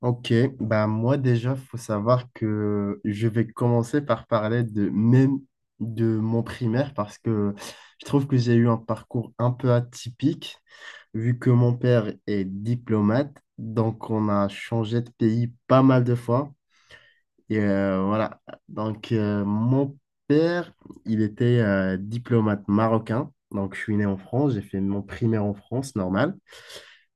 Ok, bah moi déjà, faut savoir que je vais commencer par parler de même de mon primaire parce que je trouve que j'ai eu un parcours un peu atypique vu que mon père est diplomate, donc on a changé de pays pas mal de fois. Et voilà. Donc, mon père, il était diplomate marocain. Donc, je suis né en France, j'ai fait mon primaire en France, normal.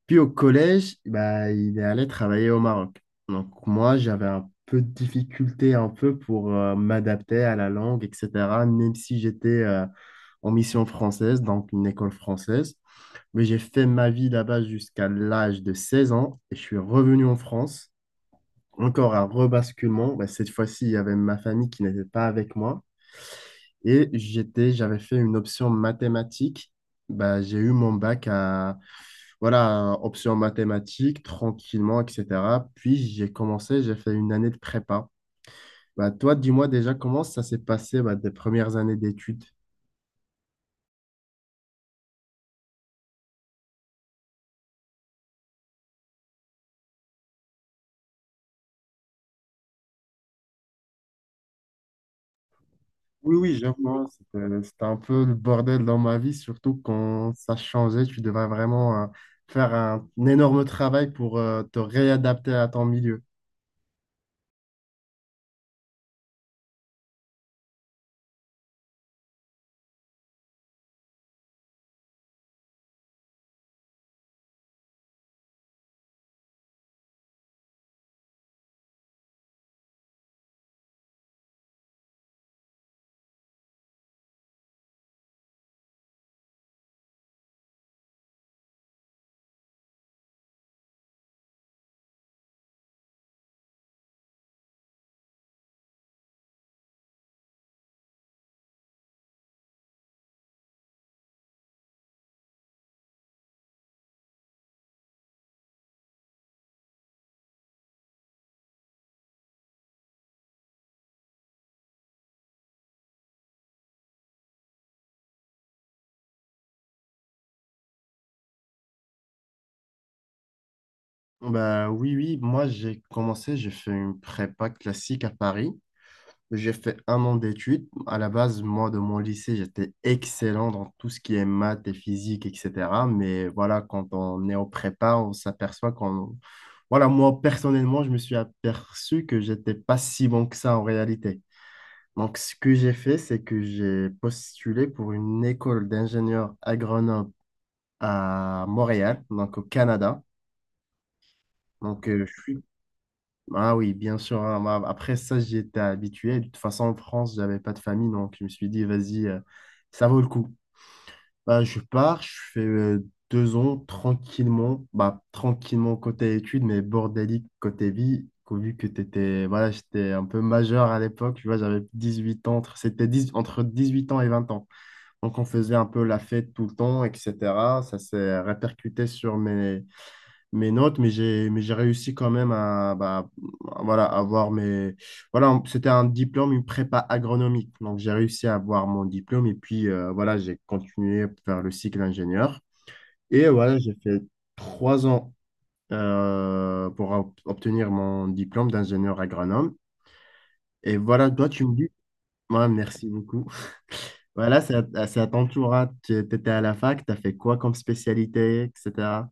Puis au collège, bah, il est allé travailler au Maroc. Donc, moi, j'avais un peu de difficulté un peu pour m'adapter à la langue, etc., même si j'étais en mission française, donc une école française. Mais j'ai fait ma vie là-bas jusqu'à l'âge de 16 ans et je suis revenu en France, encore un rebasculement. Bah, cette fois-ci, il y avait ma famille qui n'était pas avec moi. Et j'avais fait une option mathématiques. Bah, j'ai eu mon bac voilà, option mathématiques, tranquillement, etc. Puis j'ai commencé, j'ai fait une année de prépa. Bah, toi, dis-moi déjà comment ça s'est passé, bah, tes premières années d'études. Oui, oui, je pense. C'était un peu le bordel dans ma vie, surtout quand ça changeait. Tu devais vraiment faire un énorme travail pour te réadapter à ton milieu. Bah, oui, oui, moi j'ai commencé, j'ai fait une prépa classique à Paris. J'ai fait un an d'études. À la base, moi, de mon lycée, j'étais excellent dans tout ce qui est maths et physique, etc. Mais voilà, quand on est en prépa, on s'aperçoit qu'on... Voilà, moi, personnellement, je me suis aperçu que j'étais pas si bon que ça en réalité. Donc, ce que j'ai fait, c'est que j'ai postulé pour une école d'ingénieurs agronomes à Montréal, donc au Canada. Donc, je suis... Ah oui, bien sûr, hein. Moi, après ça, j'y étais habitué. De toute façon, en France, j'avais pas de famille, donc je me suis dit, vas-y, ça vaut le coup. Bah, je pars, je fais 2 ans tranquillement, bah, tranquillement côté études, mais bordélique côté vie. Vu que t'étais, voilà, j'étais un peu majeur à l'époque, tu vois, j'avais 18 ans, c'était 10 entre 8 ans et 20 ans. Donc, on faisait un peu la fête tout le temps, etc. Ça s'est répercuté sur mes notes, mais j'ai réussi quand même à, bah, voilà, avoir mes... Voilà, c'était un diplôme, une prépa agronomique. Donc, j'ai réussi à avoir mon diplôme et puis, voilà, j'ai continué vers le cycle ingénieur. Et voilà, j'ai fait 3 ans pour obtenir mon diplôme d'ingénieur agronome. Et voilà, toi, tu me dis... Ouais, merci beaucoup. Voilà, c'est à ton tour, hein. Tu étais à la fac, tu as fait quoi comme spécialité, etc.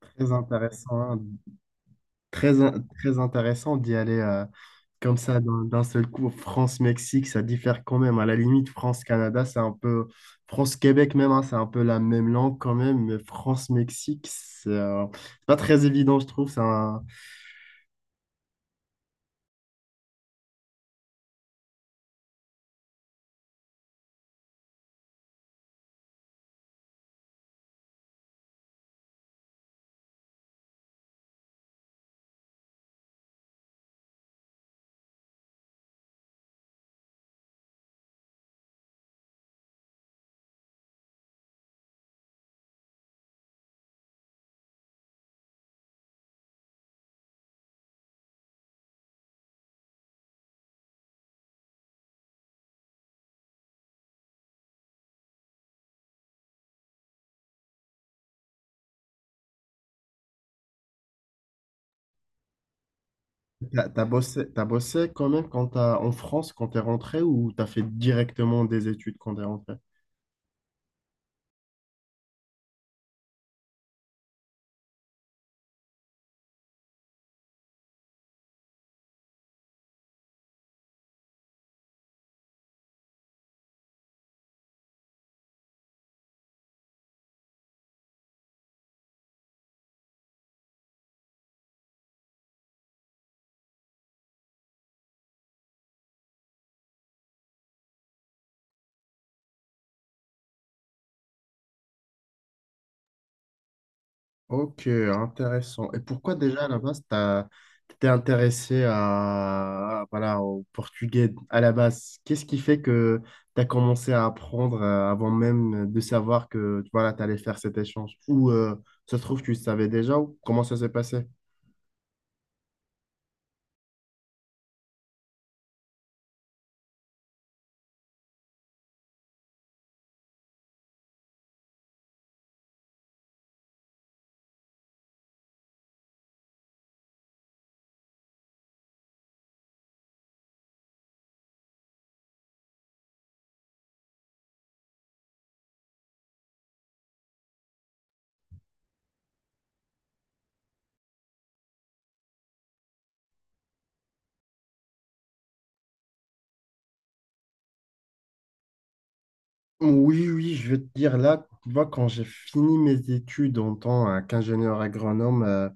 Très intéressant, hein. Très intéressant d'y aller comme ça d'un seul coup. France-Mexique, ça diffère quand même. À la limite, France-Canada, c'est un peu. France-Québec même, hein, c'est un peu la même langue quand même. Mais France-Mexique, c'est pas très évident, je trouve. C'est un... T'as bossé quand même quand en France quand t'es rentré ou t'as fait directement des études quand t'es rentré? Ok, intéressant. Et pourquoi déjà à la base, t'étais intéressé à, voilà, au portugais à la base? Qu'est-ce qui fait que tu as commencé à apprendre avant même de savoir que voilà, tu allais faire cet échange? Ou ça se trouve, tu le savais déjà ou comment ça s'est passé? Oui, oui, je veux te dire là, tu vois, quand j'ai fini mes études en tant qu'ingénieur agronome euh,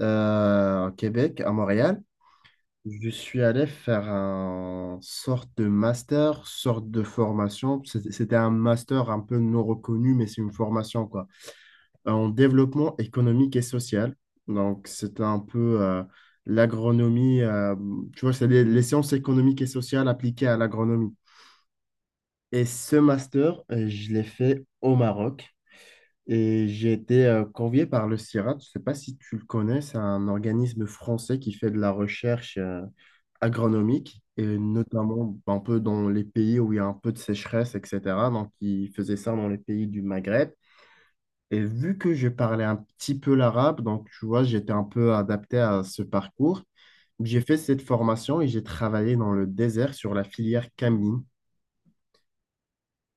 euh, au Québec, à Montréal, je suis allé faire un sorte de master, sorte de formation. C'était un master un peu non reconnu, mais c'est une formation, quoi. En développement économique et social. Donc, c'était un peu l'agronomie. Tu vois, c'est les sciences économiques et sociales appliquées à l'agronomie. Et ce master, je l'ai fait au Maroc. Et j'ai été convié par le CIRAD, je ne sais pas si tu le connais, c'est un organisme français qui fait de la recherche agronomique, et notamment ben, un peu dans les pays où il y a un peu de sécheresse, etc. Donc, il faisait ça dans les pays du Maghreb. Et vu que je parlais un petit peu l'arabe, donc tu vois, j'étais un peu adapté à ce parcours. J'ai fait cette formation et j'ai travaillé dans le désert sur la filière cameline.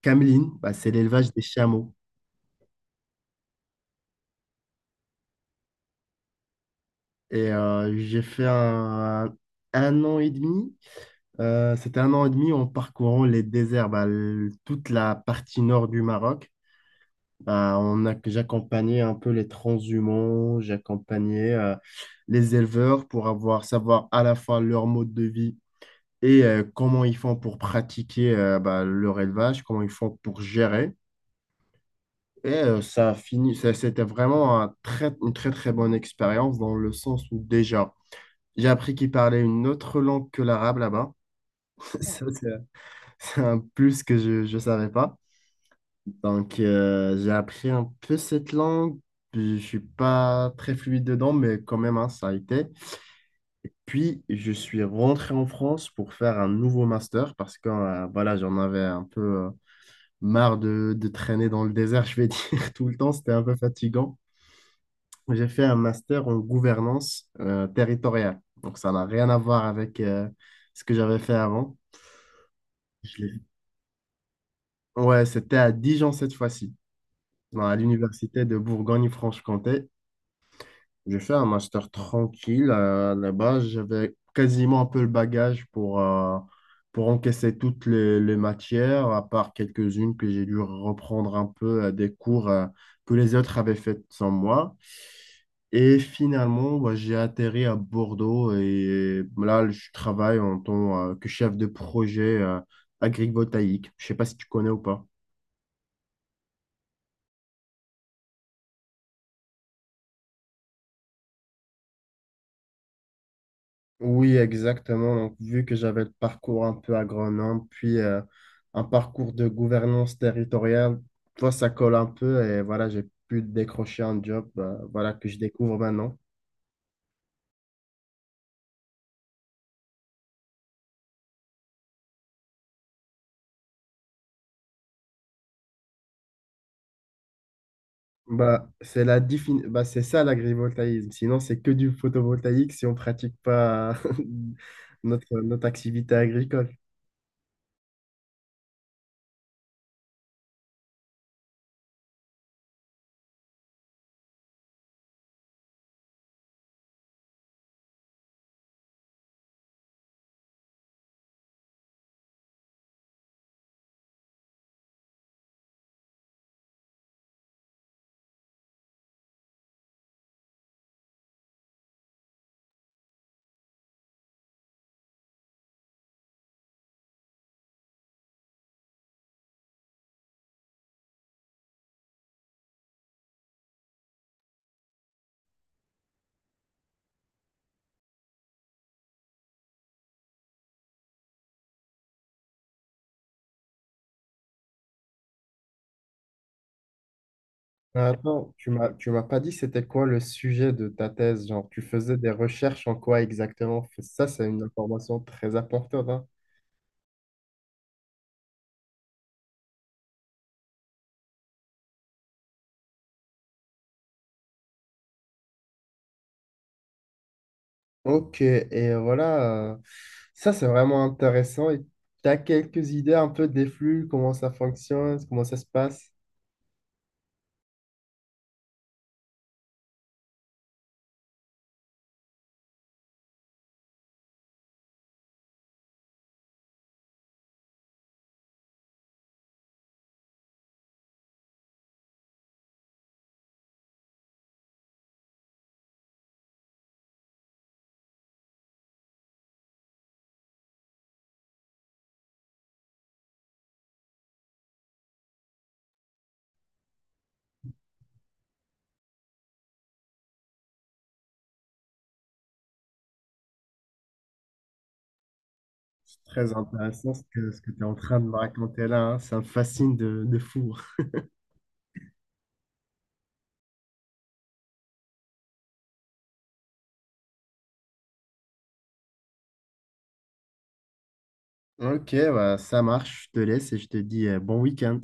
Cameline, bah, c'est l'élevage des chameaux. Et j'ai fait un an et demi. C'était un an et demi en parcourant les déserts, bah, toute la partie nord du Maroc. Bah, j'accompagnais un peu les transhumants, j'accompagnais les éleveurs pour savoir à la fois leur mode de vie et comment ils font pour pratiquer bah, leur élevage, comment ils font pour gérer. Et ça a fini, ça- c'était vraiment une très très bonne expérience dans le sens où déjà, j'ai appris qu'ils parlaient une autre langue que l'arabe là-bas. Ça, c'est un plus que je ne savais pas. Donc, j'ai appris un peu cette langue. Je suis pas très fluide dedans, mais quand même, hein, ça a été. Et puis, je suis rentré en France pour faire un nouveau master parce que voilà, j'en avais un peu marre de traîner dans le désert, je vais dire, tout le temps. C'était un peu fatigant. J'ai fait un master en gouvernance territoriale. Donc, ça n'a rien à voir avec ce que j'avais fait avant. Je l'ai- Ouais, c'était à Dijon cette fois-ci, à l'université de Bourgogne-Franche-Comté. J'ai fait un master tranquille là-bas. J'avais quasiment un peu le bagage pour encaisser toutes les matières, à part quelques-unes que j'ai dû reprendre un peu des cours que les autres avaient fait sans moi. Et finalement, bah, j'ai atterri à Bordeaux et là, je travaille en tant que chef de projet agrivoltaïque. Je sais pas si tu connais ou pas. Oui, exactement. Donc, vu que j'avais le parcours un peu agronome, puis un parcours de gouvernance territoriale, toi, ça colle un peu et voilà, j'ai pu décrocher un job voilà, que je découvre maintenant. Bah, bah, c'est ça l'agrivoltaïsme. Sinon, c'est que du photovoltaïque si on ne pratique pas notre activité agricole. Attends, tu m'as pas dit c'était quoi le sujet de ta thèse, genre tu faisais des recherches en quoi exactement? Ça, c'est une information très importante, hein. Ok, et voilà, ça c'est vraiment intéressant. Et tu as quelques idées un peu des flux, comment ça fonctionne, comment ça se passe? C'est très intéressant ce que tu es en train de me raconter là, hein. Ça me fascine de fou. Ok, bah, ça marche, je te laisse et je te dis bon week-end.